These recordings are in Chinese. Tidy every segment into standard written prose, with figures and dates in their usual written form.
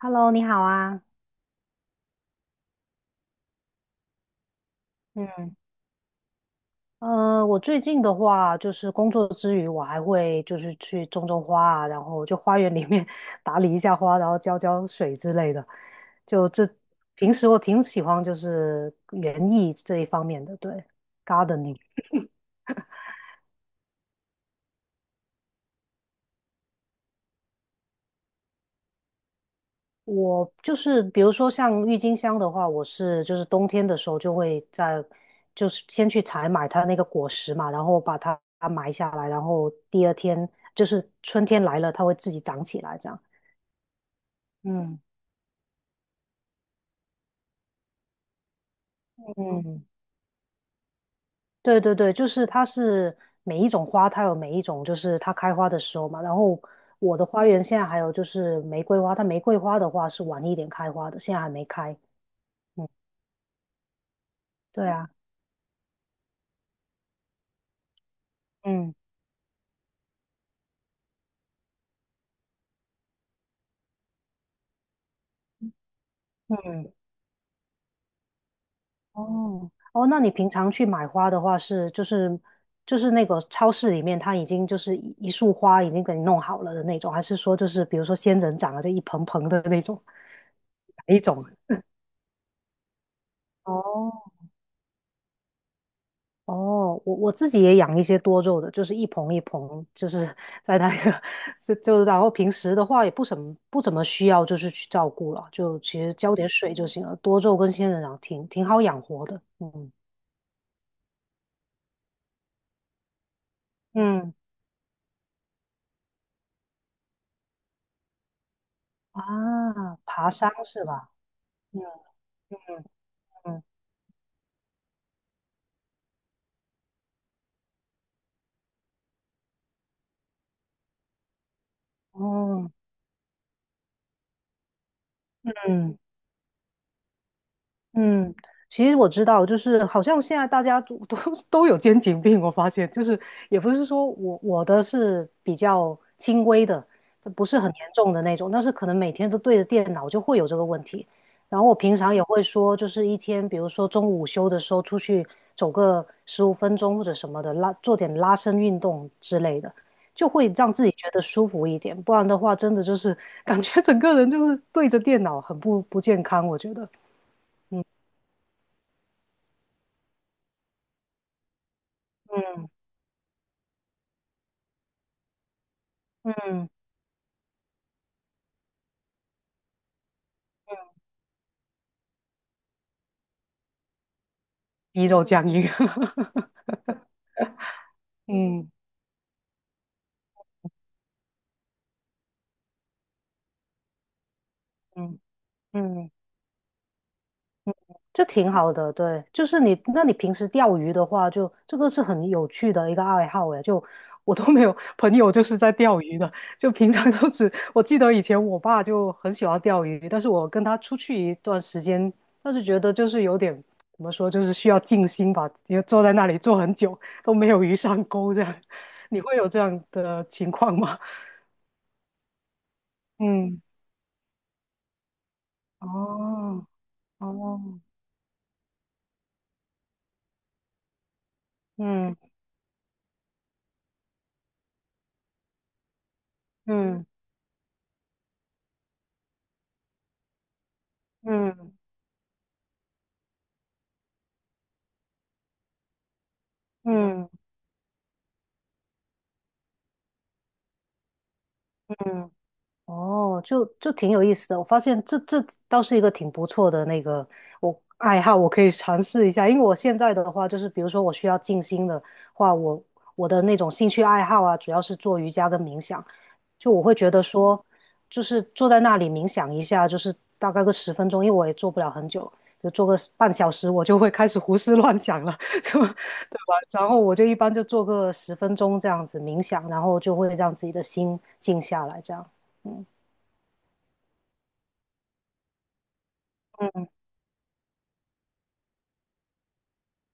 Hello，你好啊。嗯，我最近的话，就是工作之余，我还会就是去种种花啊，然后就花园里面 打理一下花，然后浇浇水之类的。就这，平时我挺喜欢就是园艺这一方面的，对，gardening。我就是比如说像郁金香的话，我是就是冬天的时候就会在，就是先去采买它那个果实嘛，然后把它埋下来，然后第二天就是春天来了，它会自己长起来这样。嗯嗯，对对对，就是它是每一种花，它有每一种就是它开花的时候嘛。然后我的花园现在还有就是玫瑰花，它玫瑰花的话是晚一点开花的，现在还没开。嗯，对啊，嗯嗯。哦哦，那你平常去买花的话是就是那个超市里面它已经就是一束花已经给你弄好了的那种，还是说就是比如说仙人掌啊，就一盆盆的那种哪一种？哦哦，我自己也养一些多肉的，就是一盆一盆，就是 在那个 然后平时的话也不怎么需要就是去照顾了，就其实浇点水就行了。多肉跟仙人掌挺好养活的，嗯嗯。啊，爬山是吧？嗯嗯，嗯，哦，嗯，嗯，其实我知道，就是好像现在大家都 都有肩颈病，我发现就是也不是说我的是比较轻微的，不是很严重的那种，但是可能每天都对着电脑就会有这个问题。然后我平常也会说，就是一天，比如说中午午休的时候出去走个15 分钟或者什么的，做点拉伸运动之类的，就会让自己觉得舒服一点。不然的话，真的就是 感觉整个人就是对着电脑，很不健康，我觉得。嗯。嗯，鱼肉酱鱼，嗯嗯嗯，这挺好的，对，就是你，那你平时钓鱼的话就，这个是很有趣的一个爱好诶，就我都没有朋友就是在钓鱼的，就平常都只，我记得以前我爸就很喜欢钓鱼，但是我跟他出去一段时间，但是觉得就是有点怎么说，就是需要静心吧，因为坐在那里坐很久都没有鱼上钩这样，你会有这样的情况吗？嗯，哦哦。嗯嗯嗯嗯嗯，哦，就挺有意思的。我发现这倒是一个挺不错的那个我爱好，我可以尝试一下。因为我现在的话，就是比如说我需要静心的话，我的那种兴趣爱好啊，主要是做瑜伽跟冥想。就我会觉得说，就是坐在那里冥想一下，就是大概个十分钟，因为我也做不了很久，就做个半小时，我就会开始胡思乱想了，就对吧？然后我就一般就做个十分钟这样子冥想，然后就会让自己的心静下来，这样。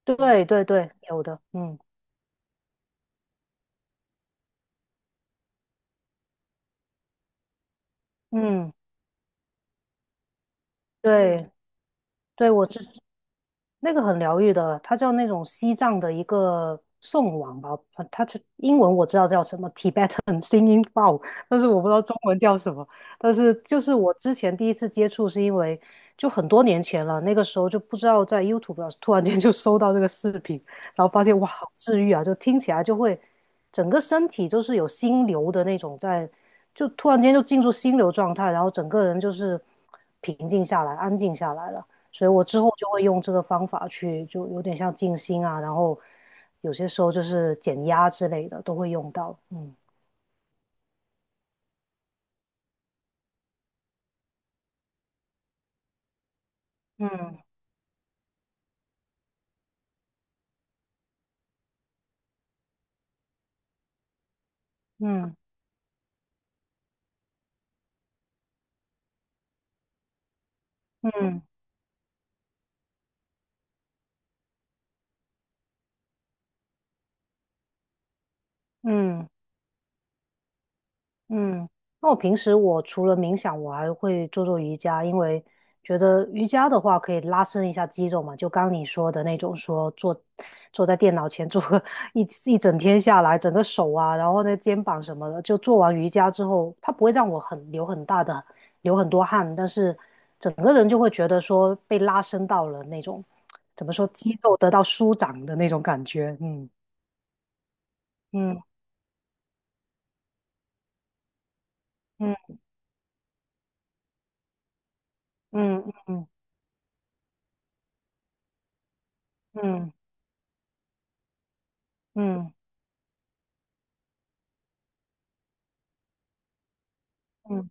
对对对，有的，嗯嗯，对，嗯，对，那个很疗愈的，它叫那种西藏的一个颂王吧，它是英文我知道叫什么 Tibetan Singing Bowl，但是我不知道中文叫什么。但是就是我之前第一次接触是因为就很多年前了，那个时候就不知道在 YouTube 上突然间就搜到这个视频，然后发现哇，好治愈啊，就听起来就会整个身体就是有心流的那种在，就突然间就进入心流状态，然后整个人就是平静下来、安静下来了。所以我之后就会用这个方法去，就有点像静心啊，然后有些时候就是减压之类的都会用到。嗯嗯嗯嗯，嗯，那我平时我除了冥想，我还会做做瑜伽，因为觉得瑜伽的话可以拉伸一下肌肉嘛，就刚你说的那种说坐在电脑前坐个 一整天下来，整个手啊，然后呢肩膀什么的，就做完瑜伽之后，它不会让我很流很大的流很多汗，但是整个人就会觉得说被拉伸到了那种怎么说肌肉得到舒展的那种感觉，嗯嗯嗯嗯嗯嗯嗯嗯嗯。嗯嗯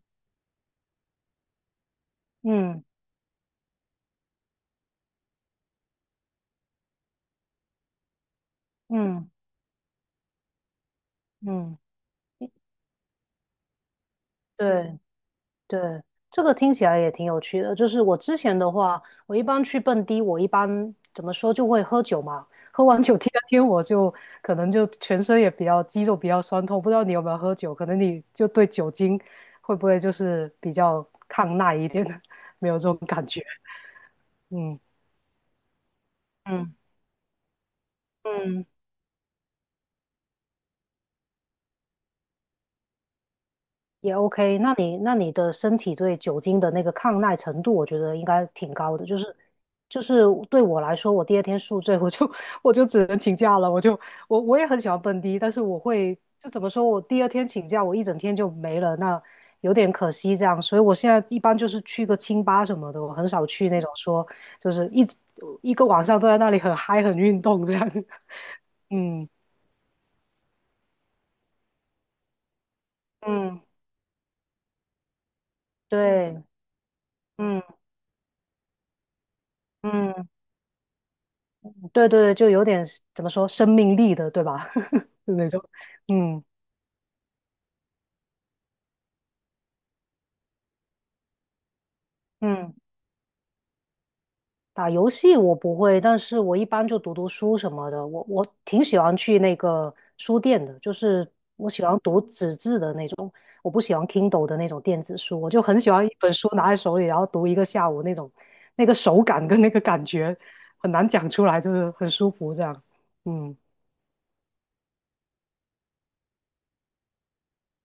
嗯嗯嗯，对对，这个听起来也挺有趣的。就是我之前的话，我一般去蹦迪，我一般怎么说就会喝酒嘛。喝完酒第二天，我就可能就全身也比较肌肉比较酸痛。不知道你有没有喝酒？可能你就对酒精会不会就是比较抗耐一点，没有这种感觉。嗯嗯嗯。也 OK，那你的身体对酒精的那个抗耐程度，我觉得应该挺高的。就是对我来说，我第二天宿醉，我就 我就只能请假了。我就我我也很喜欢蹦迪，但是我会就怎么说，我第二天请假，我一整天就没了，那有点可惜这样。所以我现在一般就是去个清吧什么的，我很少去那种说就是一直一个晚上都在那里很嗨很运动这样。嗯嗯，对，嗯嗯。对对对，就有点怎么说生命力的，对吧？那种，嗯嗯，打游戏我不会，但是我一般就读读书什么的。我挺喜欢去那个书店的，就是我喜欢读纸质的那种，我不喜欢 Kindle 的那种电子书。我就很喜欢一本书拿在手里，然后读一个下午那种，那个手感跟那个感觉很难讲出来，就是很舒服这样。嗯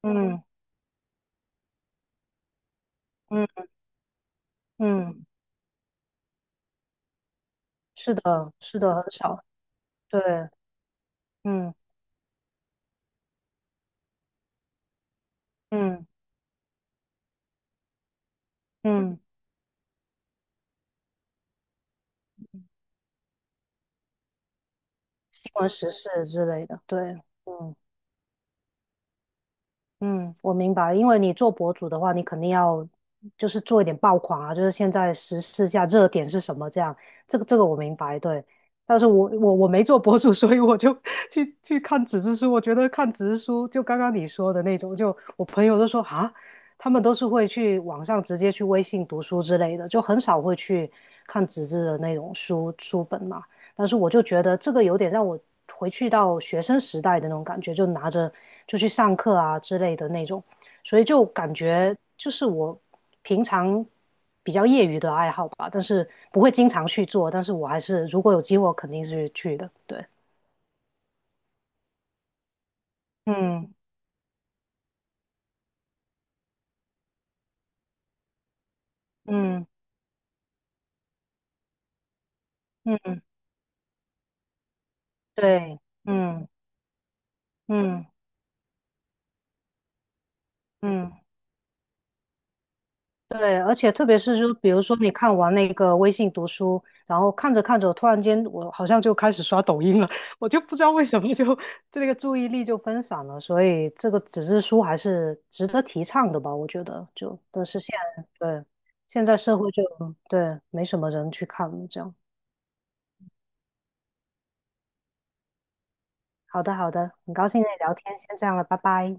嗯嗯嗯，是的，是的，很少，对，嗯嗯。嗯，或时事之类的，对，嗯嗯，我明白，因为你做博主的话，你肯定要就是做一点爆款啊，就是现在时事下热点是什么这样，这个我明白，对。但是我没做博主，所以我就 去看纸质书，我觉得看纸质书就刚刚你说的那种，就我朋友都说啊，他们都是会去网上直接去微信读书之类的，就很少会去看纸质的那种书本嘛。但是我就觉得这个有点让我回去到学生时代的那种感觉，就拿着就去上课啊之类的那种，所以就感觉就是我平常比较业余的爱好吧，但是不会经常去做，但是我还是如果有机会，我肯定是去的。对，嗯嗯嗯，对，嗯嗯嗯。对，而且特别是就比如说你看完那个微信读书，然后看着看着，突然间我好像就开始刷抖音了，我就不知道为什么就这个注意力就分散了，所以这个纸质书还是值得提倡的吧，我觉得就，但是现在对现在社会就对没什么人去看了，这样。好的，好的，很高兴跟你聊天，先这样了，拜拜。